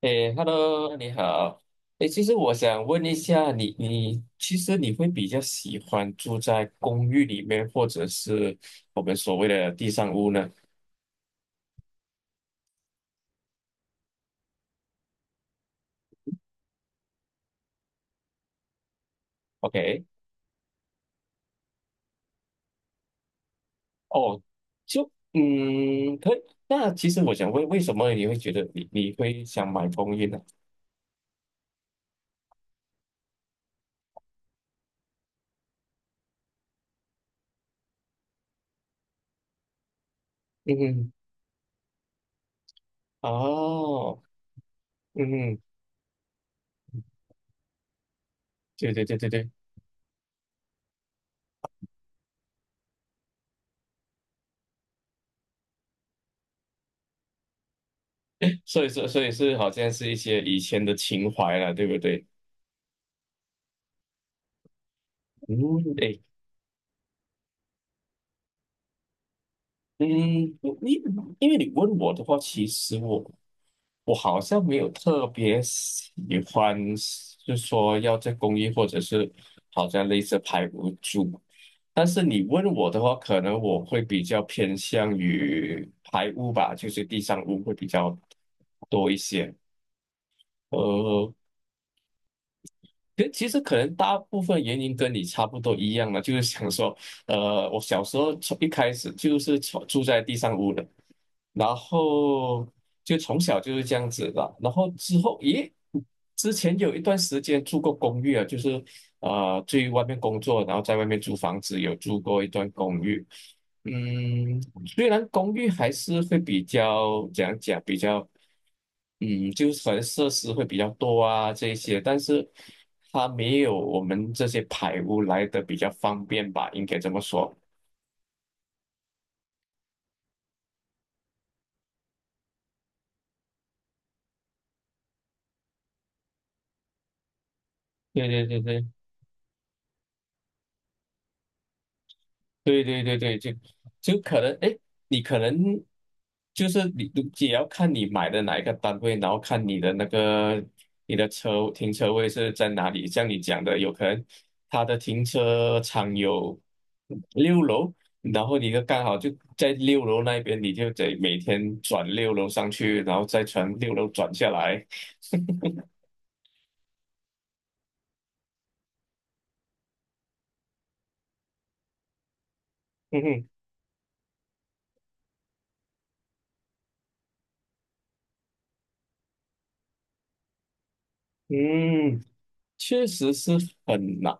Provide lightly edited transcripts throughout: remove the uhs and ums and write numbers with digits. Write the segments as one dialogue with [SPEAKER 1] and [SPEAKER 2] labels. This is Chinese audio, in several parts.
[SPEAKER 1] 诶，Hello，你好。诶，其实我想问一下你，你其实你会比较喜欢住在公寓里面，或者是我们所谓的地上屋呢？OK，哦，就嗯，可以。那其实我想问，为什么你会觉得你会想买公寓呢？嗯哼，哦，嗯哼，对对对对对，所以说所以是好像是一些以前的情怀了，对不对？嗯，诶。嗯，你因为你问我的话，其实我好像没有特别喜欢，是说要在公寓，或者是好像类似排屋住。但是你问我的话，可能我会比较偏向于排污吧，就是地上污会比较多一些。呃，其实可能大部分原因跟你差不多一样嘛，就是想说，我小时候从一开始就是从住在地上屋的，然后就从小就是这样子的。然后之后，咦，之前有一段时间住过公寓啊，就是去外面工作，然后在外面租房子，有住过一段公寓。嗯，虽然公寓还是会比较怎样讲，比较就是可能设施会比较多啊这一些，但是它没有我们这些排污来的比较方便吧，应该这么说。对对对对。对对对对，就可能，哎，你可能就是你也要看你买的哪一个单位，然后看你的车停车位是在哪里。像你讲的，有可能他的停车场有六楼，然后你就刚好在六楼那边，你就得每天转六楼上去，然后再从六楼转下来。嗯哼嗯，确实是很难。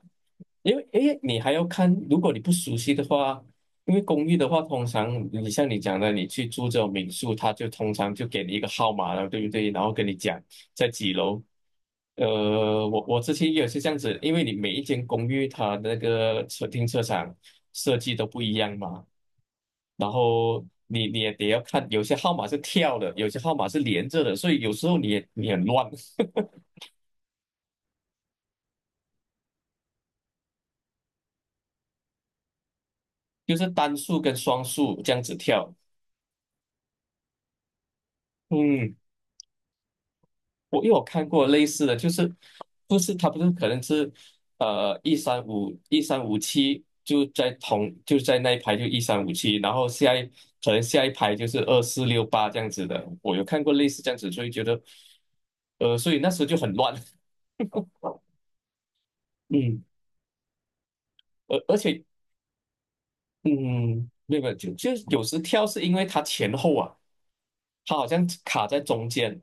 [SPEAKER 1] 因为诶，你还要看，如果你不熟悉的话，因为公寓的话，通常你像你讲的，你去住这种民宿，他就通常就给你一个号码了，对不对？然后跟你讲在几楼。我之前也是这样子，因为你每一间公寓它的那个车停车场设计都不一样嘛，然后你也得要看，有些号码是跳的，有些号码是连着的，所以有时候你很乱，就是单数跟双数这样子跳。嗯，因为我看过类似的，不是可能是一三五一三五七就在那一排就一三五七，然后可能下一排就是2468这样子的，我有看过类似这样子，所以觉得所以那时候就很乱，嗯，而且嗯，没有没有，就有时跳是因为它前后啊，它好像卡在中间，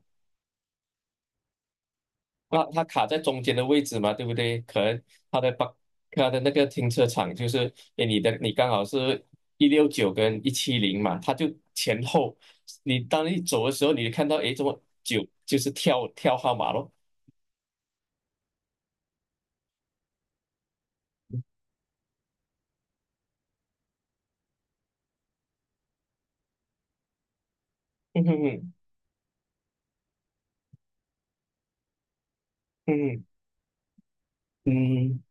[SPEAKER 1] 那它卡在中间的位置嘛，对不对？可能它的把它的那个停车场就是，诶，你刚好是169跟170嘛，它就前后，当你走的时候，你就看到诶，怎么九就是跳号码咯，嗯哼哼嗯嗯。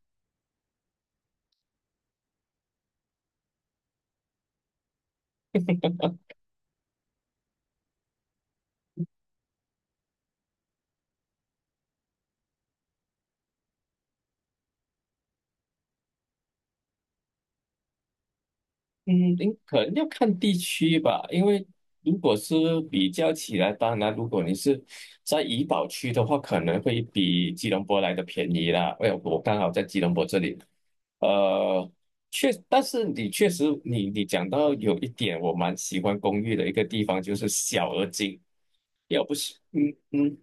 [SPEAKER 1] 嗯，您可能要看地区吧，因为如果是比较起来，当然如果你是在怡保区的话，可能会比吉隆坡来的便宜啦。哎，我刚好在吉隆坡这里，呃，但是你确实，你讲到有一点，我蛮喜欢公寓的一个地方，就是小而精，要不是，嗯，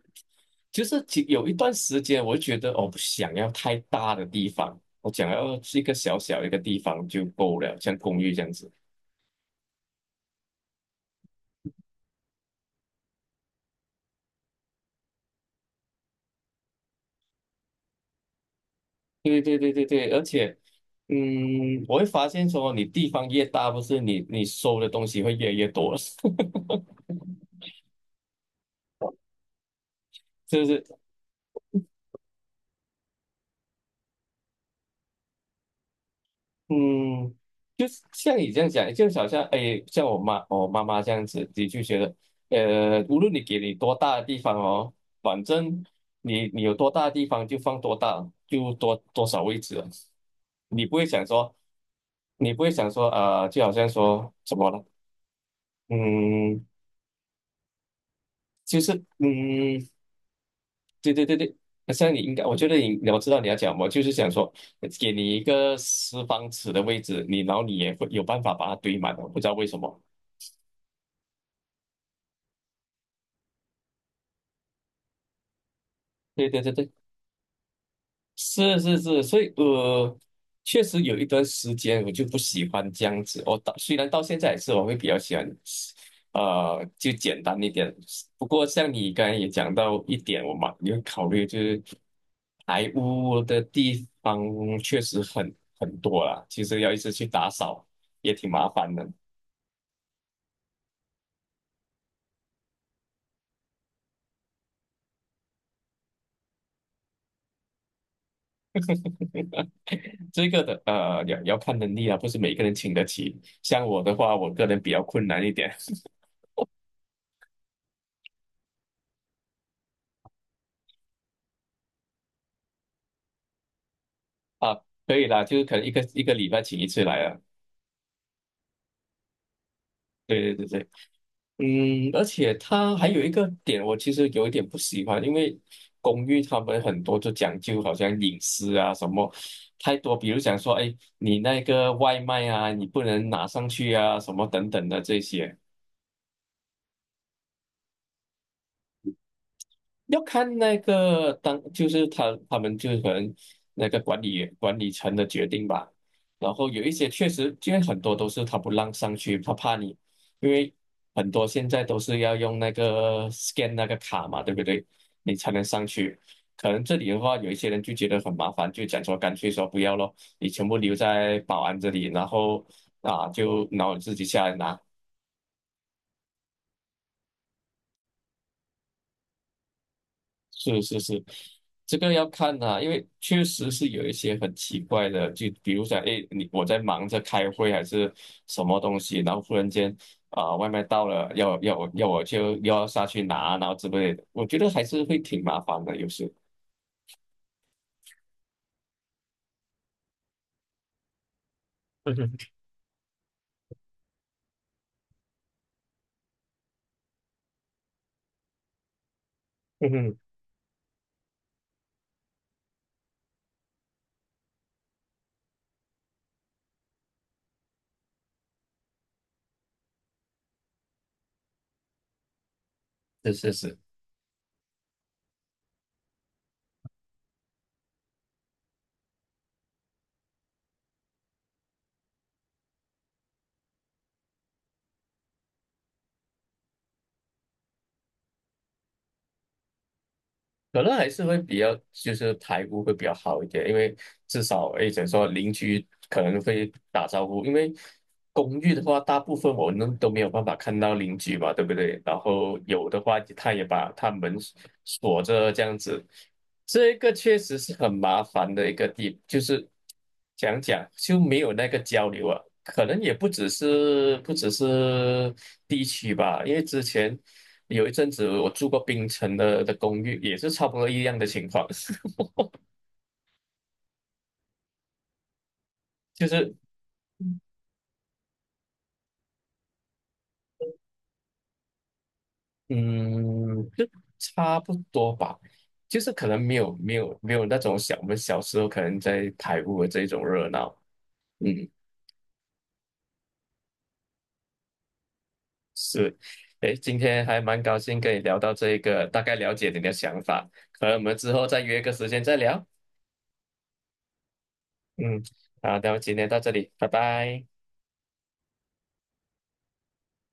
[SPEAKER 1] 就是有一段时间，我觉得我不想要太大的地方，我想要是一个小小一个地方就够了，像公寓这样子。对对对对对，而且，我会发现说，你地方越大，不是你你收的东西会越来越多，是不是，嗯，就是像你这样讲，就好像哎，像我妈妈这样子，你就觉得，无论你给你多大的地方哦，反正你有多大的地方就放多大，就多多少位置了你不会想说，就好像说什么了，嗯，就是嗯。对对对对，那像你应该，我知道你要讲，我就是想说，给你一个四方尺的位置，然后你也会有办法把它堆满的，不知道为什么。对对对对。是是是，所以确实有一段时间我就不喜欢这样子。虽然到现在也是，我会比较喜欢，就简单一点。不过像你刚才也讲到一点，我嘛有考虑就是排污的地方确实很多啦，其实要一直去打扫也挺麻烦的。这个的要看能力啊，不是每个人请得起。像我的话，我个人比较困难一点 啊，可以啦，就是可能一个礼拜请一次来啊。对对对对，而且它还有一个点，我其实有一点不喜欢，因为公寓他们很多就讲究好像隐私啊什么太多，比如讲说，哎，你那个外卖啊，你不能拿上去啊，什么等等的这些。要看那个当，就是他们就是可能那个管理层的决定吧。然后有一些确实，因为很多都是他不让上去，他怕你，因为很多现在都是要用那个 scan 那个卡嘛，对不对？你才能上去。可能这里的话，有一些人就觉得很麻烦，就讲说干脆说不要咯，你全部留在保安这里，然后自己下来拿。是是是，这个要看啊，因为确实是有一些很奇怪的，就比如说，哎，你我在忙着开会还是什么东西，然后忽然间啊、外卖到了，要要我要我就要下去拿，然后之类的，我觉得还是会挺麻烦的，有时。嗯哼，嗯哼，是是是。可能还是会比较，就是排污会比较好一点，因为至少诶，怎么说邻居可能会打招呼，因为公寓的话，大部分我们都没有办法看到邻居嘛，对不对？然后有的话，他也把他门锁着这样子，这个确实是很麻烦的一个地，就是讲讲就没有那个交流啊，可能也不只是地区吧，因为之前。有一阵子我住过冰城的公寓，也是差不多一样的情况，就是嗯，就差不多吧，就是可能没有那种我们小时候可能在台湾的这种热闹，嗯，是，诶，今天还蛮高兴跟你聊到这个，大概了解你的想法，可能我们之后再约个时间再聊，嗯，好，那么今天到这里，拜拜。